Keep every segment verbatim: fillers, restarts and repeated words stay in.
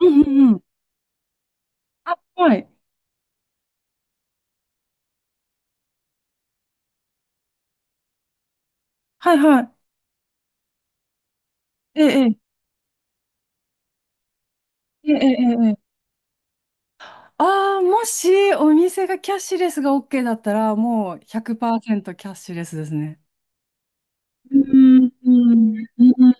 うんうんうん。はい。はいはい。ええ、ええ、ええ、ええ。ああ、もしお店がキャッシュレスが OK だったら、もうひゃくパーセントキャッシュレスですね。うん、うん、うん。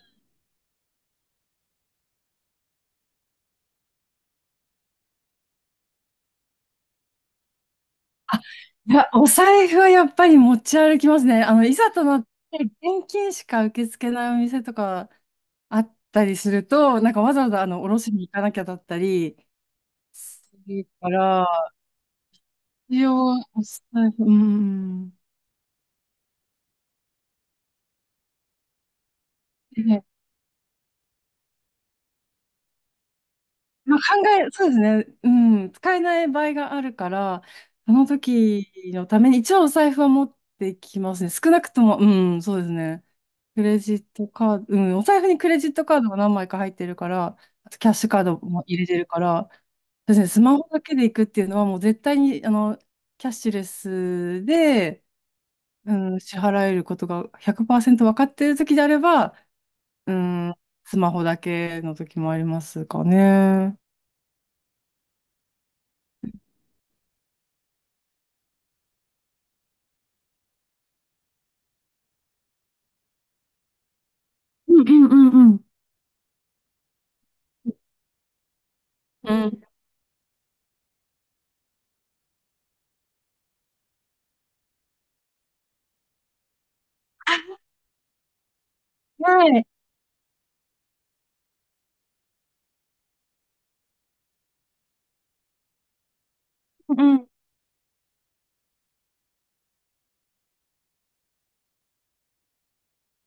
あ、いや、お財布はやっぱり持ち歩きますね。あの、いざとなって現金しか受け付けないお店とかあったりすると、なんかわざわざあの、おろしに行かなきゃだったりするから、一応、お財布、うん。まあ、考え、そうですね。うん。使えない場合があるから、その時のために、一応お財布は持ってきますね。少なくとも、うん、そうですね。クレジットカード、うん、お財布にクレジットカードが何枚か入ってるから、あとキャッシュカードも入れてるから、そうですね。スマホだけで行くっていうのはもう絶対に、あの、キャッシュレスで、うん、支払えることがひゃくパーセント分かってる時であれば、うん、スマホだけの時もありますかね。うんうんうんうん。はい。うんうん。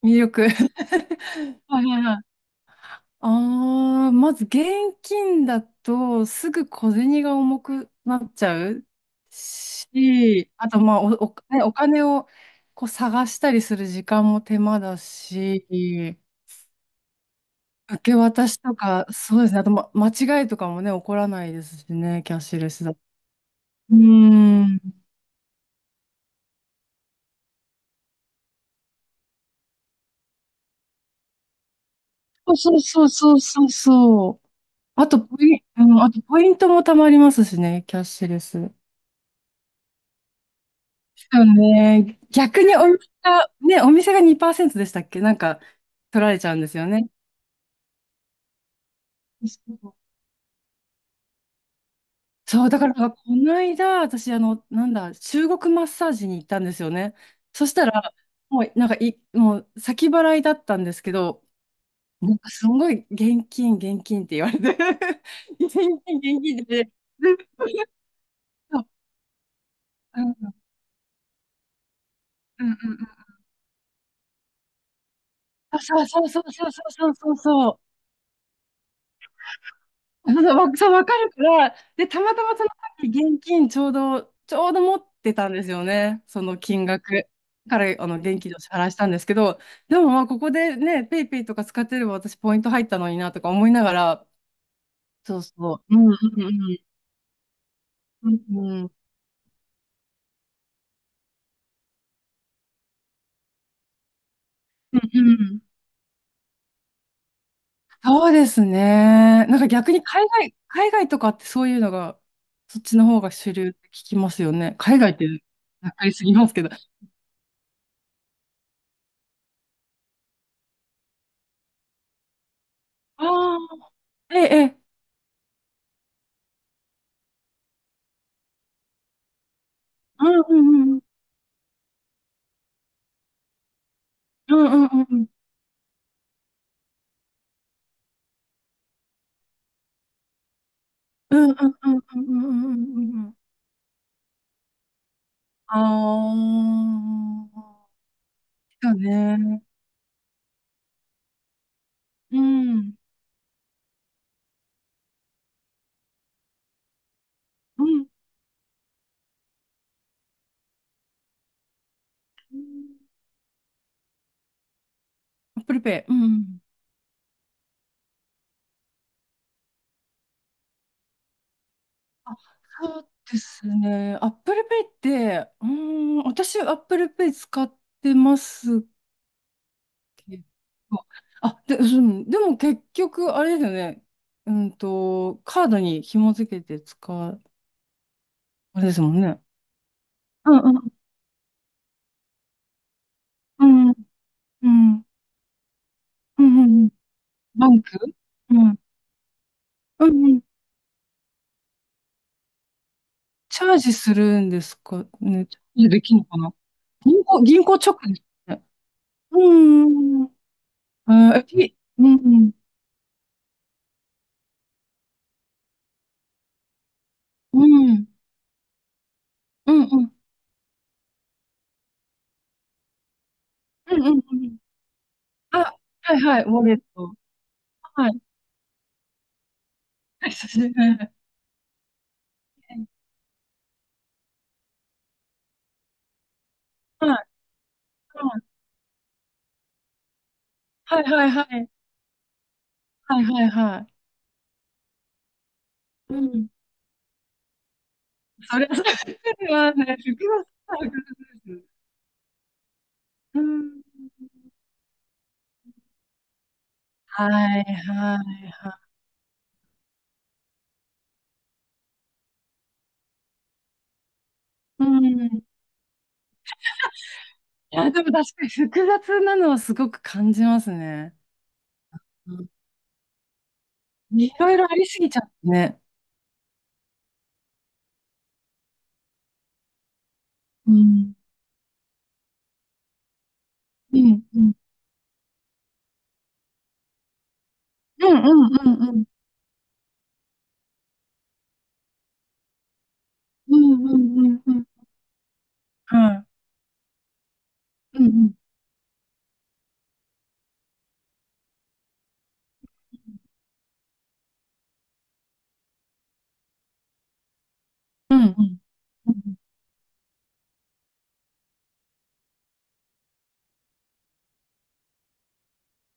魅力。はいはいはい。ああ、まず現金だとすぐ小銭が重くなっちゃうし、あとまあお、お、ねお金をこう探したりする時間も手間だし、受け渡しとか、そうですね、あと、ま、間違いとかもね、起こらないですしね、キャッシュレスだと。うーん。そうそうそうそうそうそう。あとポイン、うん、あとポイントも貯まりますしね、キャッシュレス。そうね。逆にお店が、ね、お店がにパーセントでしたっけなんか、取られちゃうんですよね。そう、そうだから、この間、私、あの、なんだ、中国マッサージに行ったんですよね。そしたら、もう、なんかい、もう、先払いだったんですけど、なんか、すごい、現金、現金って言われて、現金、現金って言われて、そううんうんうんうん。あそうそうそうそうそうそうそう。あそうわそう、わかるから、で、たまたまその時現金ちょうど、ちょうど持ってたんですよね、その金額。から、あの、現金でお支払いしたんですけど、でもまあ、ここでね、ペイペイとか使ってれば私ポイント入ったのになとか思いながら、そうそう、うんうんうん、うんうん、うんうん。そうですね。なんか逆に海外、海外とかってそういうのが、そっちの方が主流って聞きますよね。海外って、わかりすぎますけど。ああ、ええ、ええうんうんうんうんうんうん。うんうんうんうんうんうんうんうんうん。ああ。だね。うん。うんうんああだねうんうんアップルペイ。うん。あ、そうですね。アップルペイって、うーん、私アップルペイ使ってますけど。あ、で、うん、でも結局、あれですよね。うんと、カードに紐付けて使う、あれですもんね。うんうんうんうんうんうんうんうん。バンクうん。うんうんチャージするんですかね。チャージできるのかな銀行、銀行直ですね。うーん。あー、え、いうん、うん。うん。うんうん。うんうんうんうん。あ、はいはい、ウォレット。はい。はい、久しぶり。はい、はい、はいはい。はいはいはいはい。うん。それは、それはね、複雑な感じです。うん。はいはいはい。うん。いや、でも確かに複雑なのはすごく感じますね。いろいろありすぎちゃってね。うん。うん、うん。うんうんうんうん。うんうんうんうん。うん。うんうん。うんうん。うん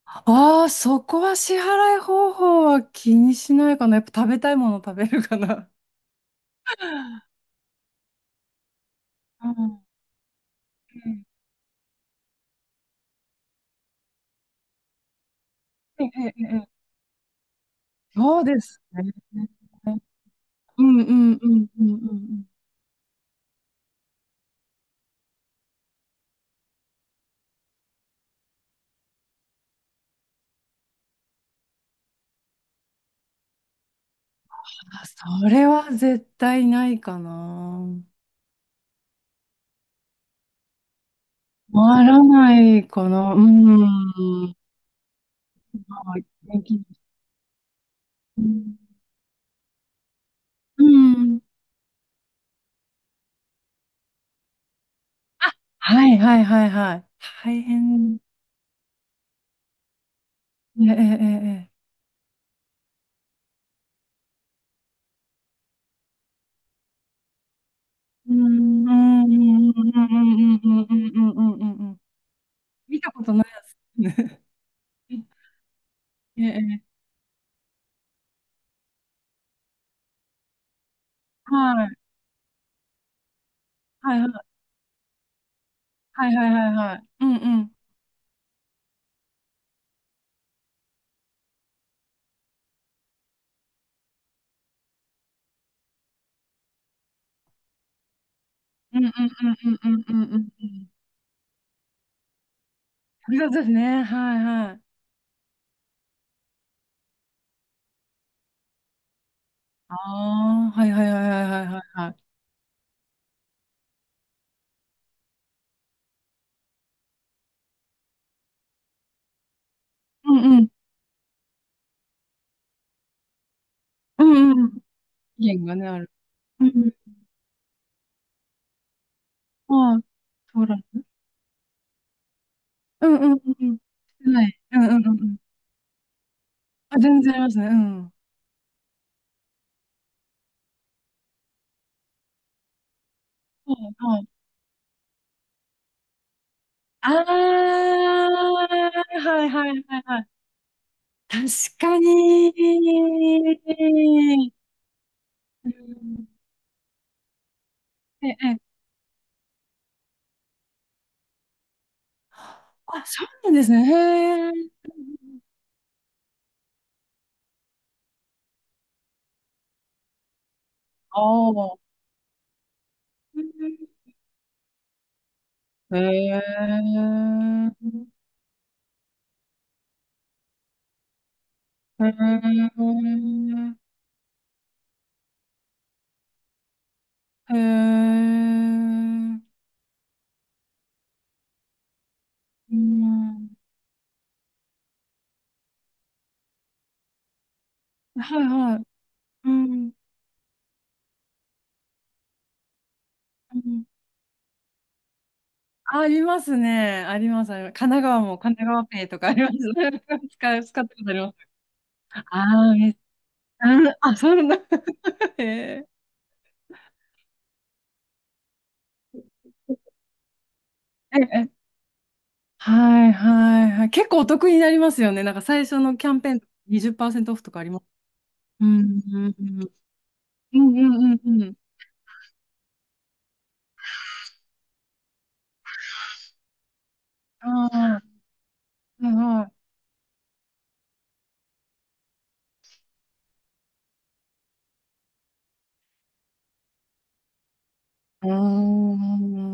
ああ、そこは支払い方法は気にしないかな。やっぱ食べたいもの食べるかな。うん。うん。ええええええ。そうですね。うんうんうんうんうんうん。あ、それは絶対ないかな。回らないかな。うん。はい現金。うん。うんはいはいはいはい。大変。ええええええ。うん、うん、うん、うん、うん、うん、うん、うん、うん、うん、うん。見たことないやつ。ええ、ええはい、はい、はい、はい、はい、はい。うん、うん。うん、うん、うん、うん、うん、うん、うん。複雑ですね。はい、はい。ああ、はい、はい、はい、はい、はい、はい。はいうん、うん、うん、うん。意見がね、ある。うん、はい。そうだね。うん、うん、うん、うん。はい。うん、うん、うん、うん。あ、全然ありますね。うん。はい、ああ、はいはいはいはい。確かに。うん、ええ、あ、そうなんですね。へえ。ああ。へえ。へえ。へえ。うん。はいはい。うん。うんありますね。あります。あります神奈川も神奈川ペイとかあります。使う、使ったことあります。ああ、めっ うん、あ、そんな へえ。ええ、はいはいはい。結構お得になりますよね。なんか最初のキャンペーンにじゅっパーセントオフとかあります。うん、うん、うん、うん、うん、うん。うんああ、はいはい。うーん。